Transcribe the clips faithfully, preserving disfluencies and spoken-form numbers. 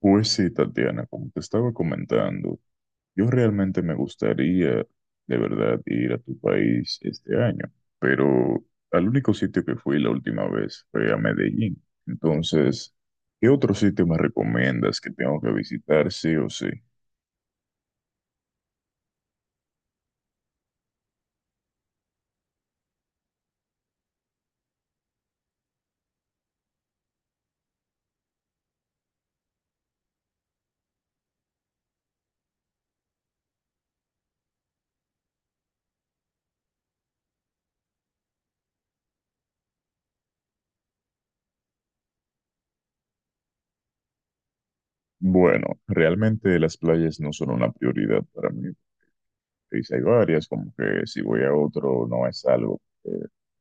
Pues sí, Tatiana, como te estaba comentando, yo realmente me gustaría de verdad ir a tu país este año, pero al único sitio que fui la última vez fue a Medellín. Entonces, ¿qué otro sitio me recomiendas que tengo que visitar sí o sí? Bueno, realmente las playas no son una prioridad para mí. Pues Hay varias, como que si voy a otro no es algo que,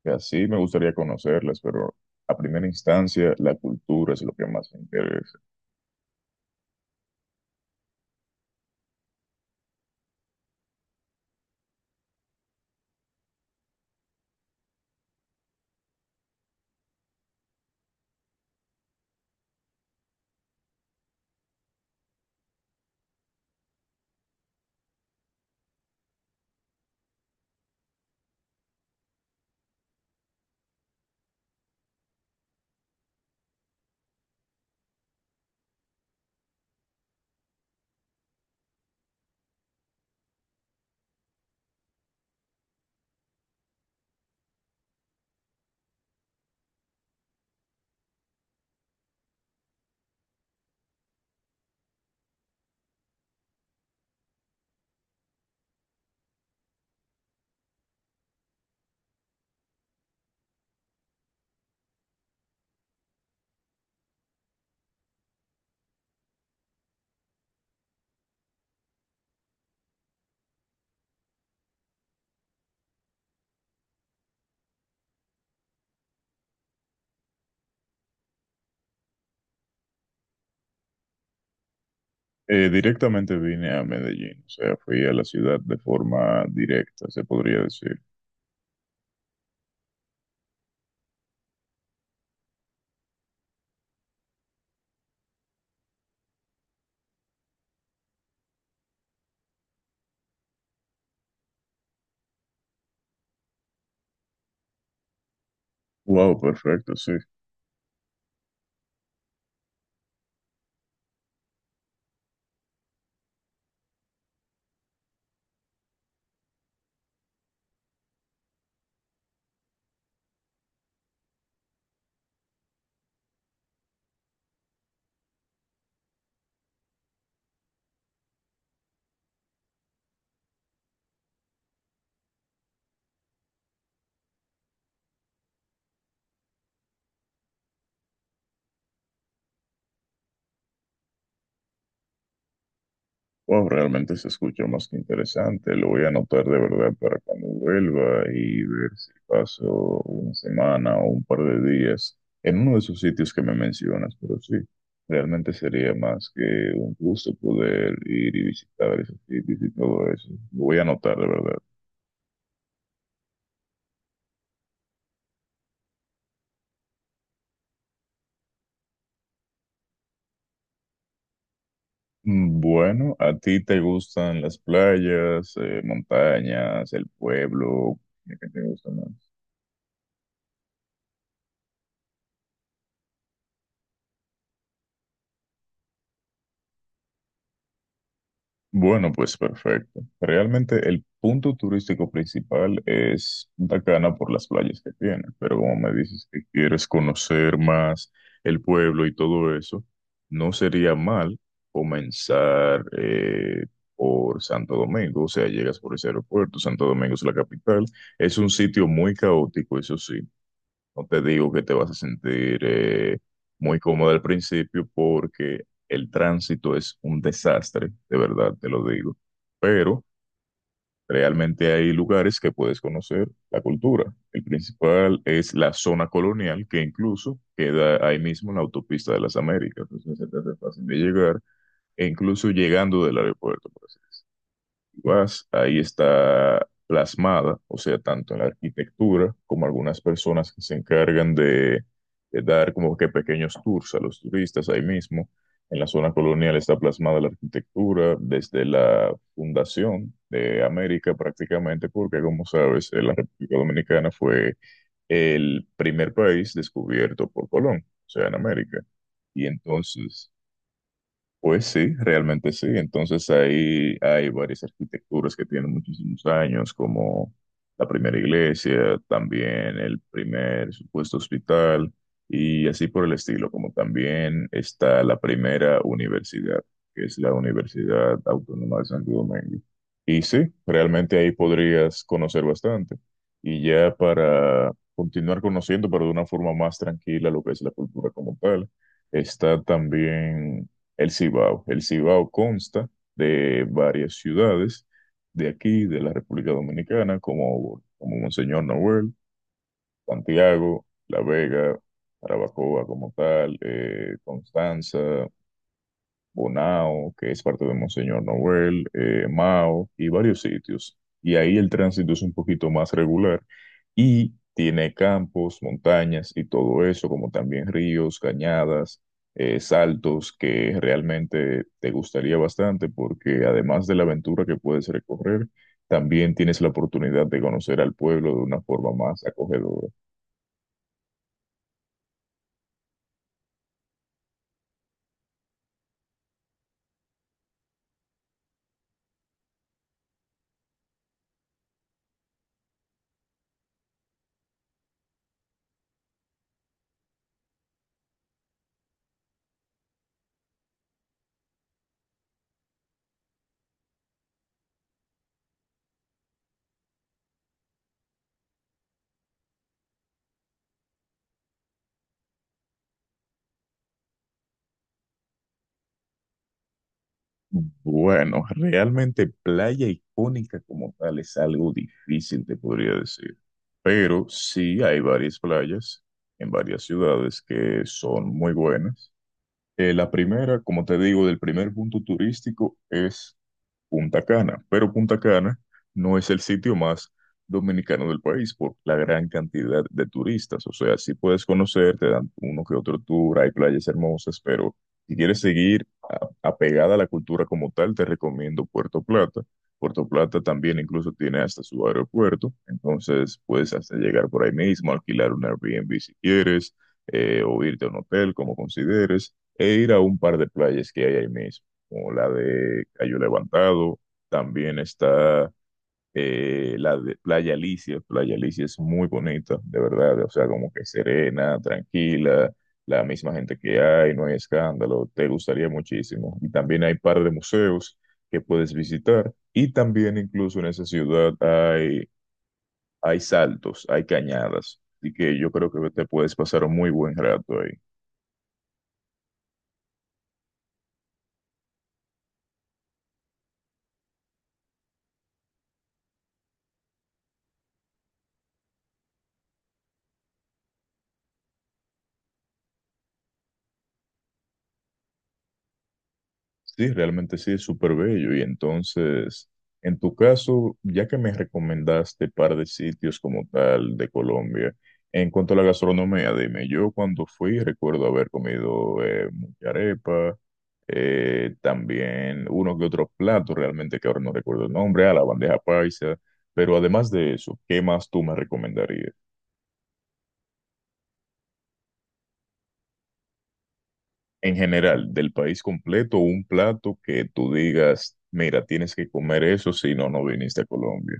que así me gustaría conocerlas, pero a primera instancia la cultura es lo que más me interesa. Eh, directamente vine a Medellín, o sea, fui a la ciudad de forma directa, se podría decir. Wow, perfecto, sí. Wow, realmente se escucha más que interesante. Lo voy a anotar de verdad para cuando vuelva y ver si paso una semana o un par de días en uno de esos sitios que me mencionas, pero sí, realmente sería más que un gusto poder ir y visitar esos sitios y todo eso. Lo voy a anotar de verdad. Bueno, ¿a ti te gustan las playas, eh, montañas, el pueblo? ¿Qué te gusta más? Bueno, pues perfecto. Realmente el punto turístico principal es Punta Cana por las playas que tiene, pero como me dices que quieres conocer más el pueblo y todo eso, no sería mal comenzar eh, por Santo Domingo, o sea, llegas por ese aeropuerto, Santo Domingo es la capital, es un sitio muy caótico, eso sí. No te digo que te vas a sentir eh, muy cómodo al principio porque el tránsito es un desastre, de verdad te lo digo. Pero realmente hay lugares que puedes conocer la cultura. El principal es la zona colonial, que incluso queda ahí mismo en la autopista de las Américas. Entonces se te hace fácil de llegar, e incluso llegando del aeropuerto vas, ahí está plasmada, o sea, tanto en la arquitectura como algunas personas que se encargan de, de dar como que pequeños tours a los turistas ahí mismo. En la zona colonial está plasmada la arquitectura desde la fundación de América prácticamente, porque como sabes, eh, la República Dominicana fue el primer país descubierto por Colón, o sea, en América. Y entonces... Pues sí, realmente sí. Entonces ahí hay varias arquitecturas que tienen muchísimos años, como la primera iglesia, también el primer supuesto hospital y así por el estilo, como también está la primera universidad, que es la Universidad Autónoma de Santo Domingo. Y sí, realmente ahí podrías conocer bastante. Y ya para continuar conociendo, pero de una forma más tranquila, lo que es la cultura como tal. Está también el Cibao. El Cibao consta de varias ciudades de aquí, de la República Dominicana, como, como Monseñor Noel, Santiago, La Vega, Jarabacoa como tal, eh, Constanza, Bonao, que es parte de Monseñor Noel, eh, Mao y varios sitios. Y ahí el tránsito es un poquito más regular y tiene campos, montañas y todo eso, como también ríos, cañadas, eh, saltos, que realmente te gustaría bastante porque además de la aventura que puedes recorrer, también tienes la oportunidad de conocer al pueblo de una forma más acogedora. Bueno, realmente playa icónica como tal es algo difícil, te podría decir. Pero sí hay varias playas en varias ciudades que son muy buenas. Eh, la primera, como te digo, del primer punto turístico es Punta Cana, pero Punta Cana no es el sitio más dominicano del país por la gran cantidad de turistas. O sea, sí puedes conocer, te dan uno que otro tour, hay playas hermosas, pero si quieres seguir a- apegada a la cultura como tal, te recomiendo Puerto Plata. Puerto Plata también incluso tiene hasta su aeropuerto, entonces puedes hasta llegar por ahí mismo, alquilar un Airbnb si quieres, eh, o irte a un hotel como consideres, e ir a un par de playas que hay ahí mismo como la de Cayo Levantado, también está eh, la de Playa Alicia. Playa Alicia es muy bonita, de verdad, o sea, como que serena, tranquila, la misma gente que hay, no hay escándalo, te gustaría muchísimo. Y también hay par de museos que puedes visitar y también incluso en esa ciudad hay, hay saltos, hay cañadas, así que yo creo que te puedes pasar un muy buen rato ahí. Sí, realmente sí, es súper bello. Y entonces, en tu caso, ya que me recomendaste par de sitios como tal de Colombia, en cuanto a la gastronomía, dime, yo cuando fui recuerdo haber comido eh, mucha arepa, eh, también uno que otro plato, realmente que ahora no recuerdo el nombre, a la bandeja paisa, pero además de eso, ¿qué más tú me recomendarías? En general, del país completo, un plato que tú digas, mira, tienes que comer eso, si no, no viniste a Colombia.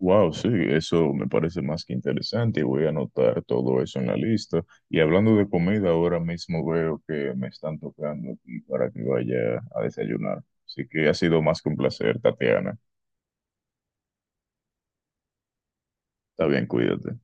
Wow, sí, eso me parece más que interesante y voy a anotar todo eso en la lista. Y hablando de comida, ahora mismo veo que me están tocando aquí para que vaya a desayunar. Así que ha sido más que un placer, Tatiana. Está bien, cuídate.